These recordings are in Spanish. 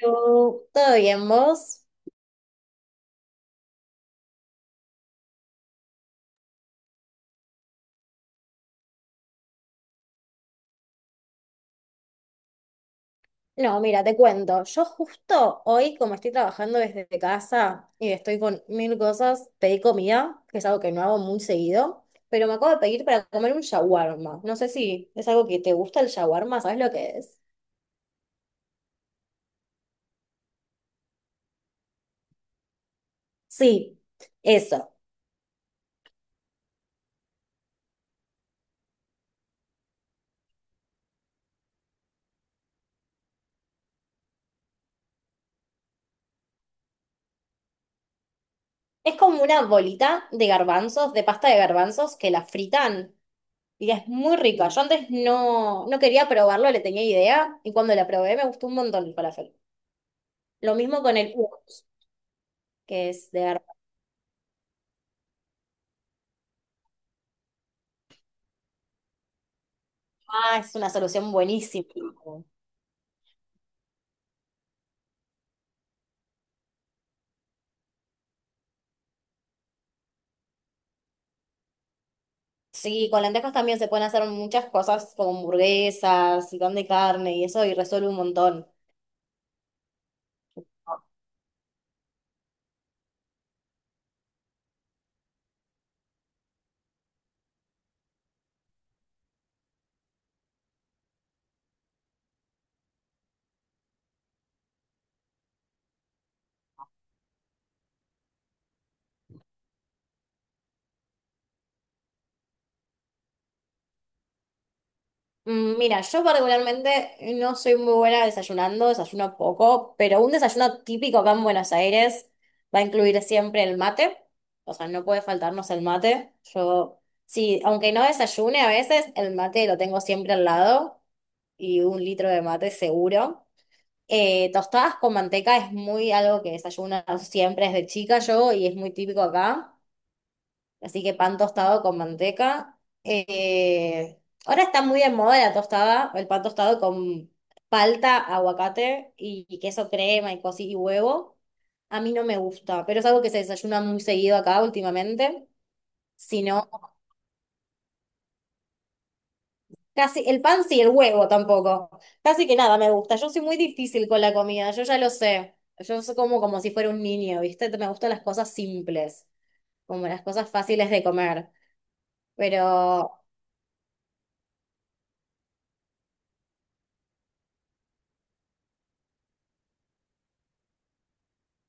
Yo, ¿todo bien vos? No, mira, te cuento. Yo justo hoy, como estoy trabajando desde casa y estoy con mil cosas, pedí comida, que es algo que no hago muy seguido, pero me acabo de pedir para comer un shawarma. No sé si es algo que te gusta el shawarma, ¿sabes lo que es? Sí, eso. Es como una bolita de garbanzos, de pasta de garbanzos que la fritan y es muy rica. Yo antes no quería probarlo, le tenía idea y cuando la probé me gustó un montón el falafel. Lo mismo con el hummus, que es de verdad, ah, es una solución buenísima. Sí, con lentejas también se pueden hacer muchas cosas como hamburguesas y pan de carne y eso, y resuelve un montón. Mira, yo particularmente no soy muy buena desayunando, desayuno poco, pero un desayuno típico acá en Buenos Aires va a incluir siempre el mate, o sea, no puede faltarnos el mate. Yo, sí, aunque no desayune a veces, el mate lo tengo siempre al lado y un litro de mate seguro. Tostadas con manteca es muy algo que desayuno siempre desde chica yo y es muy típico acá. Así que pan tostado con manteca. Ahora está muy de moda la tostada, el pan tostado con palta, aguacate y queso crema y cosí y huevo. A mí no me gusta, pero es algo que se desayuna muy seguido acá últimamente. Sino casi, el pan sí, el huevo tampoco. Casi que nada me gusta. Yo soy muy difícil con la comida, yo ya lo sé. Yo soy como, como si fuera un niño, ¿viste? Me gustan las cosas simples, como las cosas fáciles de comer. Pero,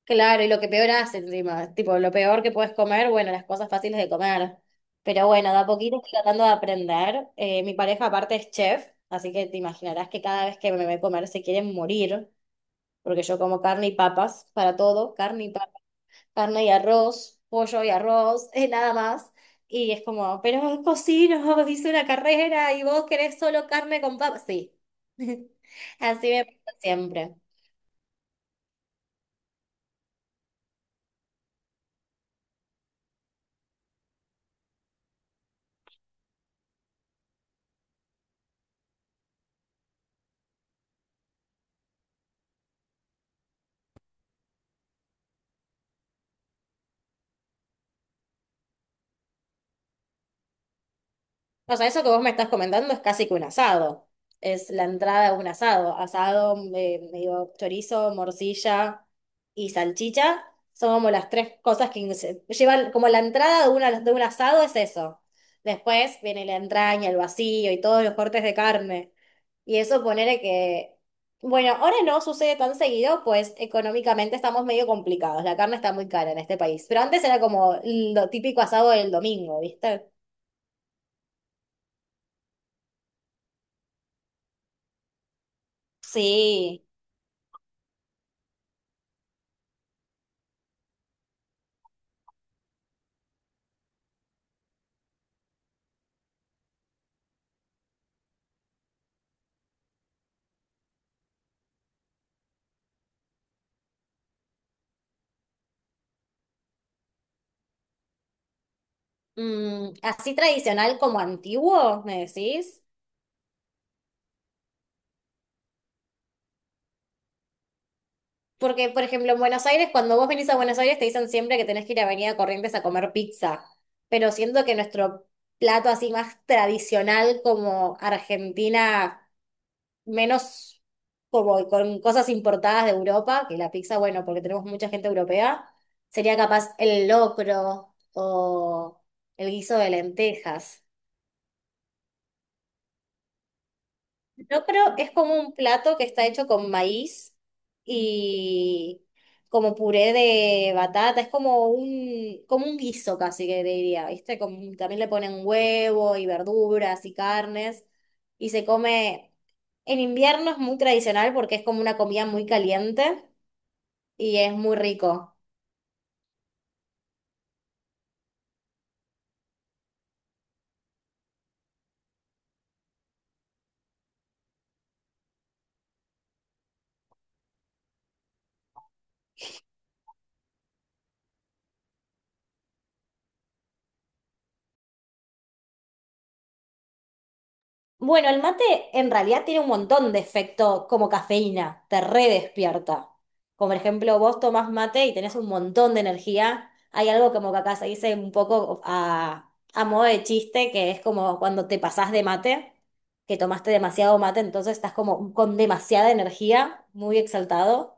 claro, y lo que peor hace encima, tipo, lo peor que puedes comer, bueno, las cosas fáciles de comer. Pero bueno, de a poquito estoy tratando de aprender. Mi pareja aparte es chef, así que te imaginarás que cada vez que me ve comer se quieren morir, porque yo como carne y papas para todo, carne y papas. Carne y arroz, pollo y arroz, nada más. Y es como, pero cocino, hice una carrera y vos querés solo carne con papas. Sí, así me pasa siempre. O sea, eso que vos me estás comentando es casi que un asado. Es la entrada de un asado. Asado, medio chorizo, morcilla y salchicha. Son como las tres cosas que se llevan, como la entrada de, una, de un asado es eso. Después viene la entraña, el vacío y todos los cortes de carne. Y eso ponele que, bueno, ahora no sucede tan seguido, pues económicamente estamos medio complicados. La carne está muy cara en este país. Pero antes era como lo típico asado del domingo, ¿viste? Sí. Así tradicional como antiguo, ¿me decís? Porque, por ejemplo, en Buenos Aires, cuando vos venís a Buenos Aires, te dicen siempre que tenés que ir a Avenida Corrientes a comer pizza. Pero siento que nuestro plato así más tradicional como Argentina menos como con cosas importadas de Europa, que la pizza, bueno, porque tenemos mucha gente europea, sería capaz el locro o el guiso de lentejas. El locro es como un plato que está hecho con maíz y como puré de batata, es como un guiso casi que diría, ¿viste? Como, también le ponen huevo y verduras y carnes y se come... En invierno es muy tradicional porque es como una comida muy caliente y es muy rico. Bueno, el mate en realidad tiene un montón de efecto como cafeína, te redespierta. Como por ejemplo, vos tomás mate y tenés un montón de energía. Hay algo como que acá se dice un poco a modo de chiste, que es como cuando te pasás de mate, que tomaste demasiado mate, entonces estás como con demasiada energía, muy exaltado.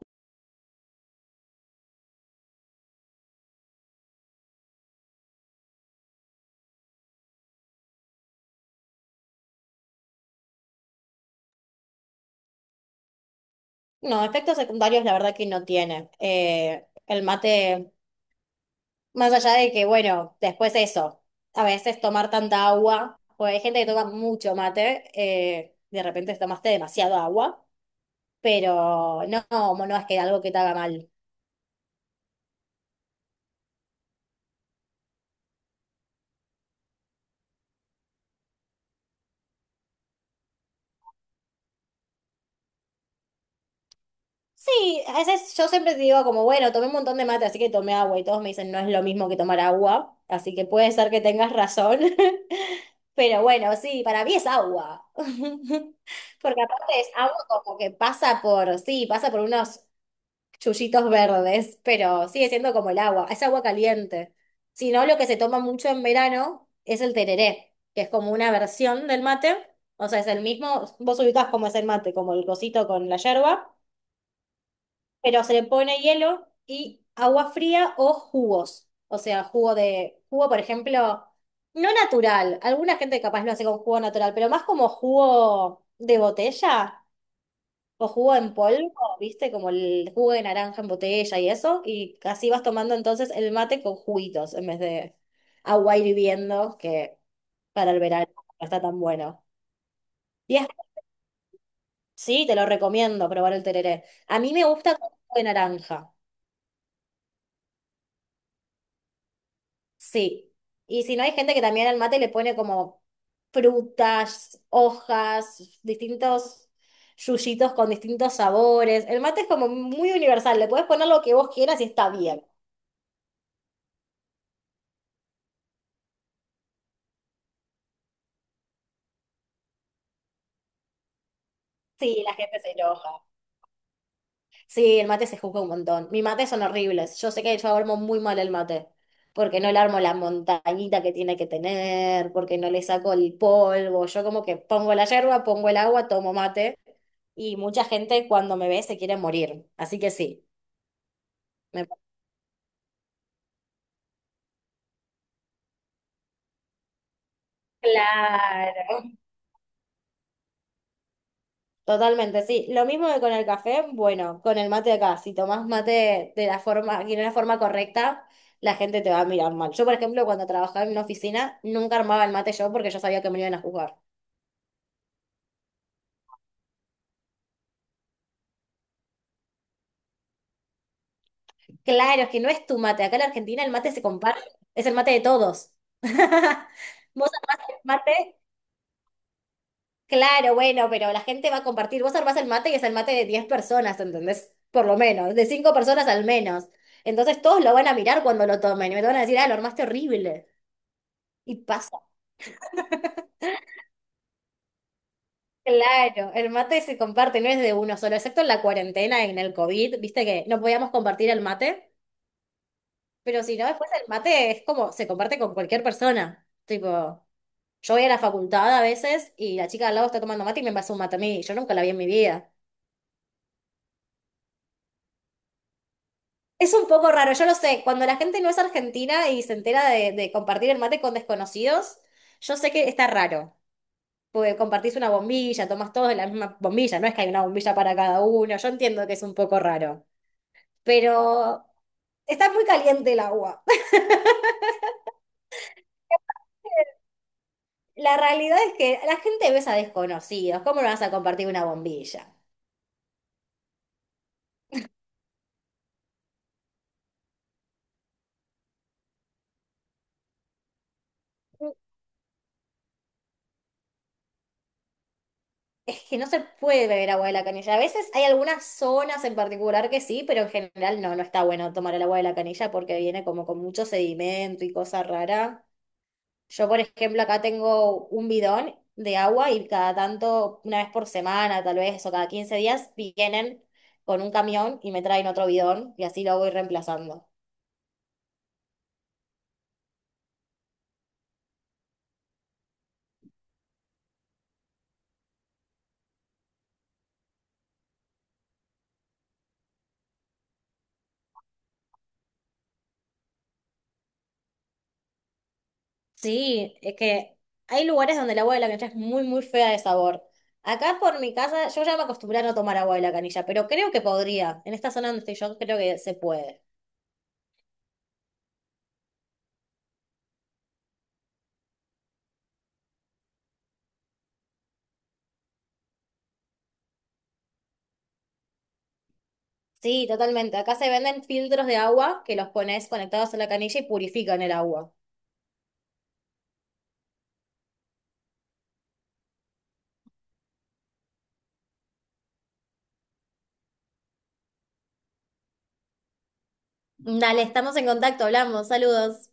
No, efectos secundarios la verdad que no tiene. El mate, más allá de que, bueno, después eso, a veces tomar tanta agua, porque hay gente que toma mucho mate, de repente tomaste demasiado agua, pero no es que algo que te haga mal. Sí, a veces yo siempre te digo como, bueno, tomé un montón de mate, así que tomé agua, y todos me dicen, no es lo mismo que tomar agua, así que puede ser que tengas razón, pero bueno, sí, para mí es agua. Porque aparte es agua como que pasa por, sí, pasa por unos chullitos verdes, pero sigue siendo como el agua, es agua caliente. Si no, lo que se toma mucho en verano es el tereré, que es como una versión del mate, o sea, es el mismo, vos ubicás cómo es el mate, como el cosito con la yerba, pero se le pone hielo y agua fría o jugos, o sea, jugo de, jugo, por ejemplo, no natural, alguna gente capaz lo hace con jugo natural, pero más como jugo de botella o jugo en polvo, ¿viste? Como el jugo de naranja en botella y eso. Y así vas tomando entonces el mate con juguitos en vez de agua hirviendo, que para el verano no está tan bueno. Y es- sí, te lo recomiendo probar el tereré. A mí me gusta con jugo de naranja. Sí. Y si no, hay gente que también al mate le pone como frutas, hojas, distintos yuyitos con distintos sabores. El mate es como muy universal. Le puedes poner lo que vos quieras y está bien. Sí, la gente se enoja. Sí, el mate se juzga un montón. Mis mates son horribles. Yo sé que yo armo muy mal el mate, porque no le armo la montañita que tiene que tener, porque no le saco el polvo. Yo como que pongo la yerba, pongo el agua, tomo mate, y mucha gente cuando me ve se quiere morir. Así que sí. me- Claro. Totalmente, sí. Lo mismo que con el café, bueno, con el mate acá, si tomás mate de la forma, que no es la forma correcta, la gente te va a mirar mal. Yo, por ejemplo, cuando trabajaba en una oficina, nunca armaba el mate yo porque yo sabía que me iban a juzgar. Claro, es que no es tu mate. Acá en Argentina el mate se comparte, es el mate de todos. Vos armás el mate, claro, bueno, pero la gente va a compartir. Vos armás el mate y es el mate de 10 personas, ¿entendés? Por lo menos, de 5 personas al menos. Entonces todos lo van a mirar cuando lo tomen y me van a decir, ah, lo armaste horrible. Y pasa, claro, el mate se comparte, no es de uno solo, excepto en la cuarentena, en el COVID, viste que no podíamos compartir el mate, pero si no, después el mate es como, se comparte con cualquier persona. Tipo, yo voy a la facultad a veces y la chica de al lado está tomando mate y me pasa un mate a mí, yo nunca la vi en mi vida. Es un poco raro, yo lo sé, cuando la gente no es argentina y se entera de compartir el mate con desconocidos, yo sé que está raro. Porque compartís una bombilla, tomás todos de la misma bombilla, no es que hay una bombilla para cada uno, yo entiendo que es un poco raro, pero está muy caliente el agua. La realidad es que la gente besa a desconocidos, ¿cómo no vas a compartir una bombilla? Es que no se puede beber agua de la canilla. A veces hay algunas zonas en particular que sí, pero en general no, no está bueno tomar el agua de la canilla porque viene como con mucho sedimento y cosa rara. Yo, por ejemplo, acá tengo un bidón de agua y cada tanto, una vez por semana tal vez, o cada 15 días, vienen con un camión y me traen otro bidón y así lo voy reemplazando. Sí, es que hay lugares donde el agua de la canilla es muy, muy fea de sabor. Acá por mi casa, yo ya me acostumbré a no tomar agua de la canilla, pero creo que podría. En esta zona donde estoy yo, creo que se puede. Sí, totalmente. Acá se venden filtros de agua que los pones conectados a la canilla y purifican el agua. Dale, estamos en contacto, hablamos, saludos.